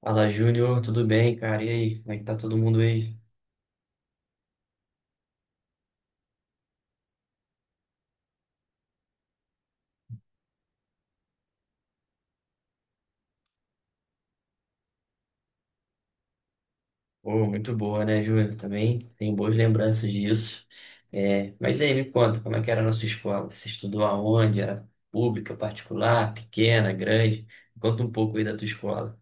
Fala, Júnior, tudo bem, cara? E aí, como é que tá todo mundo aí? Pô, muito boa, né, Júnior? Também tenho boas lembranças disso. É, mas aí, me conta, como é que era a nossa escola? Você estudou aonde? Era pública, particular, pequena, grande? Conta um pouco aí da tua escola.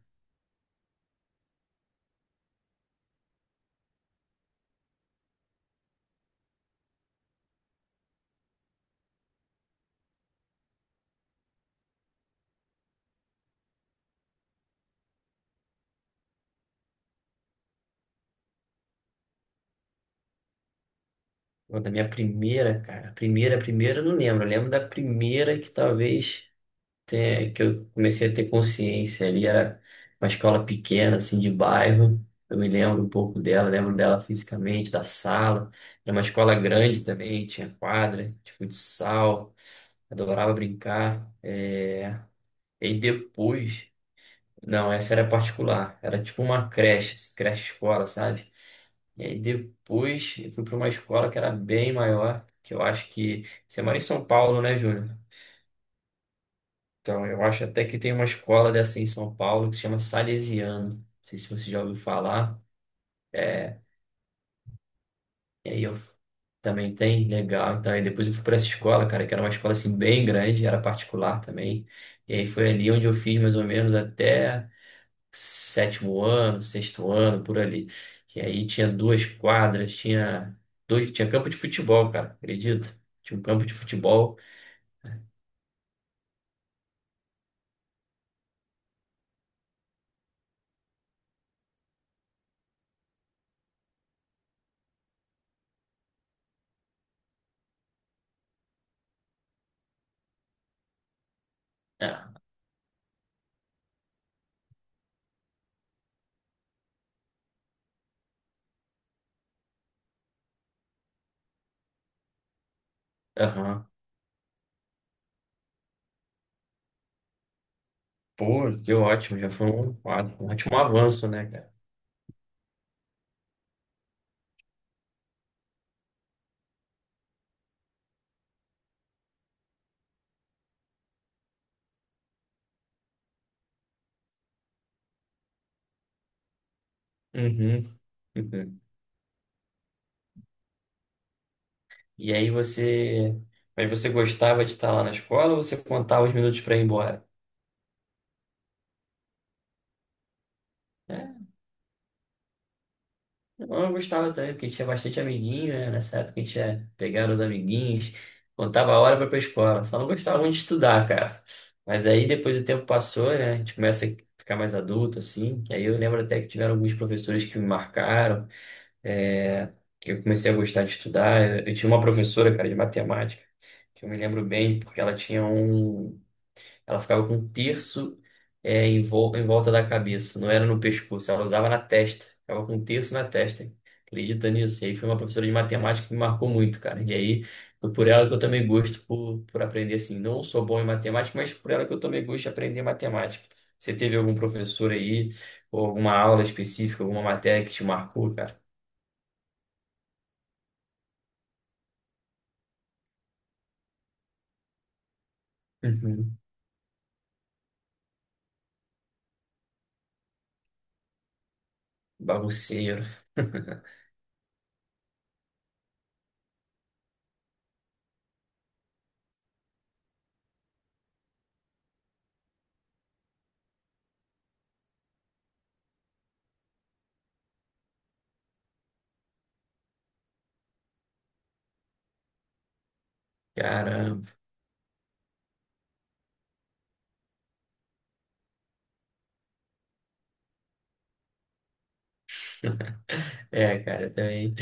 Pô, da minha primeira, cara. Primeira, eu não lembro. Eu lembro da primeira que talvez. Até que eu comecei a ter consciência ali, era uma escola pequena, assim, de bairro. Eu me lembro um pouco dela, lembro dela fisicamente, da sala. Era uma escola grande também, tinha quadra de futsal, adorava brincar. E depois, não, essa era particular, era tipo uma creche, assim, creche-escola, sabe? E aí depois eu fui para uma escola que era bem maior, que eu acho que... Você mora em São Paulo, né, Júnior? Então, eu acho até que tem uma escola dessa em São Paulo que se chama Salesiano. Não sei se você já ouviu falar. É, e aí eu também tem, legal. Então, aí depois eu fui para essa escola, cara, que era uma escola assim bem grande, era particular também. E aí foi ali onde eu fiz mais ou menos até sétimo ano, sexto ano, por ali. E aí tinha duas quadras, tinha campo de futebol, cara, acredita? Tinha um campo de futebol. É, aham. Pô, que ótimo, um ótimo avanço, né, cara? Uhum, uhum. E aí você. Mas você gostava de estar lá na escola ou você contava os minutos para ir embora? É, não, eu gostava também, porque tinha bastante amiguinho, né? Nessa época a gente ia pegar os amiguinhos, contava a hora para ir pra escola. Só não gostava muito de estudar, cara. Mas aí depois o tempo passou, né? A gente começa a ficar mais adulto, assim. E aí eu lembro até que tiveram alguns professores que me marcaram. É, eu comecei a gostar de estudar. Eu tinha uma professora, cara, de matemática, que eu me lembro bem, porque ela tinha um. Ela ficava com um terço em volta da cabeça, não era no pescoço, ela usava na testa, ficava com um terço na testa. Acredita nisso? E aí foi uma professora de matemática que me marcou muito, cara. E aí foi por ela que eu tomei por aprender assim. Não sou bom em matemática, mas por ela que eu tomei gosto de aprender matemática. Você teve algum professor aí, ou alguma aula específica, alguma matéria que te marcou, cara? Uhum. Bagunceiro. Caramba. É, cara, eu também.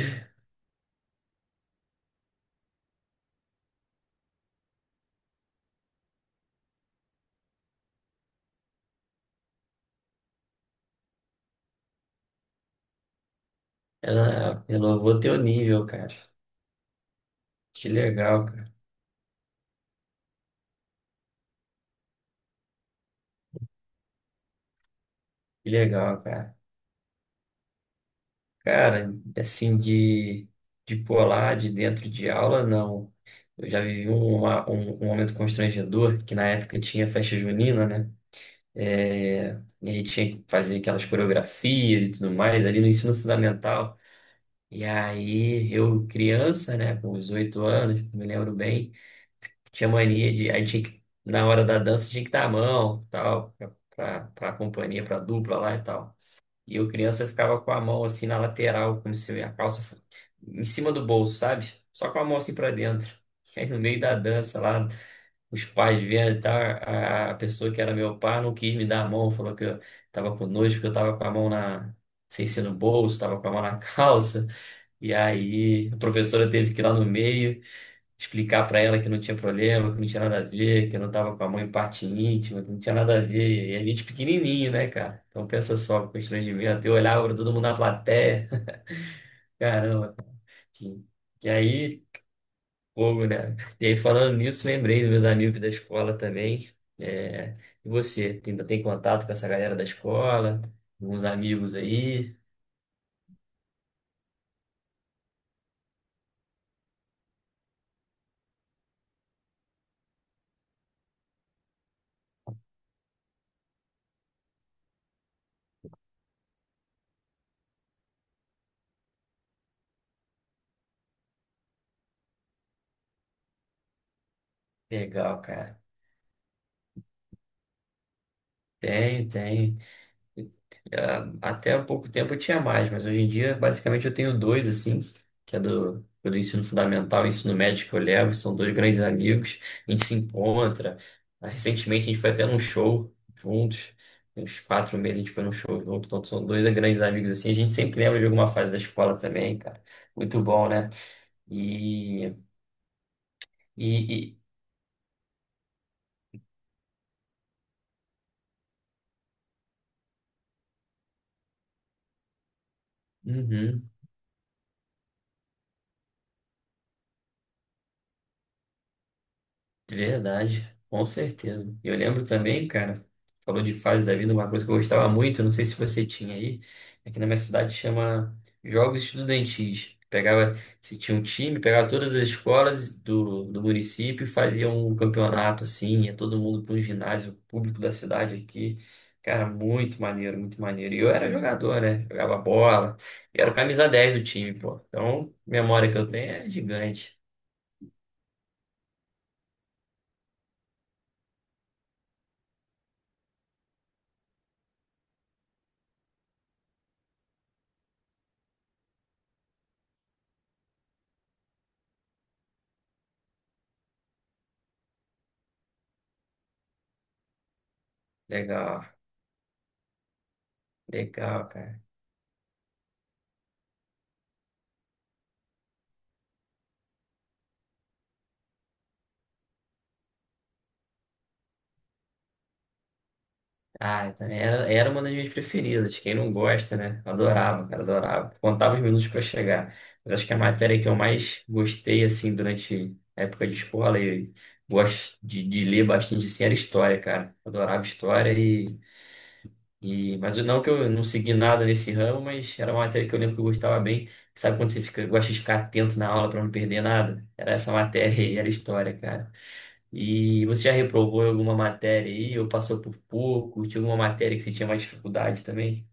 Ela renovou teu nível, cara. Que legal, cara. Que legal, cara. Cara, assim, de, de pular de dentro de aula, não. Eu já vivi um momento constrangedor, que na época tinha festa junina, né? É, e aí tinha que fazer aquelas coreografias e tudo mais ali no ensino fundamental. E aí eu, criança, né, com os 8 anos, me lembro bem. Tinha mania de. Aí tinha que, na hora da dança tinha que dar a mão, tal, pra companhia, pra dupla lá e tal. E eu, criança, ficava com a mão assim na lateral, como se a calça fo- em cima do bolso, sabe? Só com a mão assim pra dentro. E aí no meio da dança lá, os pais vendo e tal, a pessoa que era meu pai não quis me dar a mão, falou que eu tava com nojo, porque eu tava com a mão na. Sem ser no bolso, tava com a mão na calça. E aí a professora teve que ir lá no meio explicar para ela que não tinha problema, que não tinha nada a ver, que eu não tava com a mãe em parte íntima, que não tinha nada a ver. E a gente pequenininho, né, cara? Então pensa só, o constrangimento. Eu olhava pra todo mundo na plateia. Caramba. Que, que aí, fogo, né? E aí, falando nisso, lembrei dos meus amigos da escola também. É, e você, ainda tem contato com essa galera da escola? Alguns amigos aí? Legal, cara. Tem, tem. Ah, até há pouco tempo eu tinha mais, mas hoje em dia, basicamente, eu tenho dois, assim, que é do, é do ensino fundamental e ensino médio que eu levo, são dois grandes amigos, a gente se encontra. Ah, recentemente, a gente foi até num show juntos. Tem uns 4 meses a gente foi num show junto, então são dois grandes amigos, assim, a gente sempre lembra de alguma fase da escola também, cara. Muito bom, né? E, e, e- Uhum. Verdade, com certeza. Eu lembro também, cara, falou de fase da vida, uma coisa que eu gostava muito, não sei se você tinha aí, aqui na minha cidade chama Jogos Estudantis. Pegava, se tinha um time, pegava todas as escolas do município e fazia um campeonato assim, ia todo mundo para um ginásio público da cidade aqui. Cara, muito maneiro, muito maneiro. E eu era jogador, né? Jogava bola, e era o camisa 10 do time, pô. Então, memória que eu tenho é gigante. Legal, legal, cara. Ah, eu também era, era uma das minhas preferidas. Quem não gosta, né? Eu adorava, cara, adorava. Contava os minutos para chegar. Mas acho que a matéria que eu mais gostei, assim, durante a época de escola, e gosto de ler bastante, assim, era história, cara. Adorava história e, mas eu- não que eu não segui nada nesse ramo, mas era uma matéria que eu lembro que eu gostava bem. Sabe quando você fica, gosta de ficar atento na aula para não perder nada? Era essa matéria aí, era história, cara. E você já reprovou em alguma matéria aí, ou passou por pouco? Tinha alguma matéria que você tinha mais dificuldade também?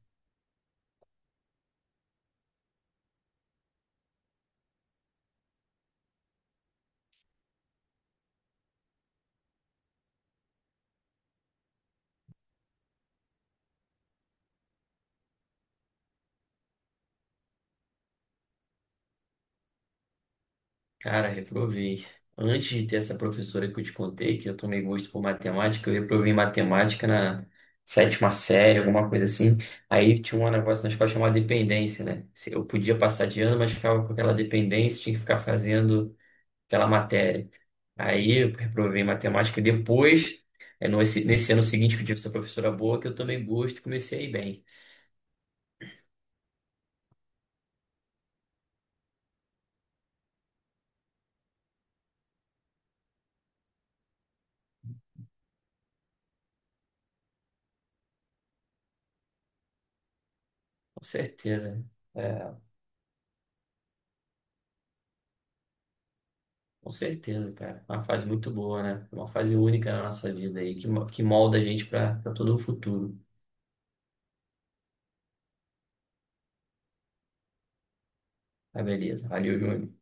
Cara, reprovei. Antes de ter essa professora que eu te contei, que eu tomei gosto por matemática, eu reprovei em matemática na sétima série, alguma coisa assim. Aí tinha um negócio na escola chamado dependência, né? Se- eu podia passar de ano, mas ficava com aquela dependência, tinha que ficar fazendo aquela matéria. Aí eu reprovei em matemática. Depois, nesse ano seguinte que eu tive essa professora boa, que eu tomei gosto e comecei a ir bem. Com certeza. Né? É. Com certeza, cara. Uma fase muito boa, né? Uma fase única na nossa vida aí, que molda a gente para todo o futuro. Tá, beleza. Valeu, Júnior.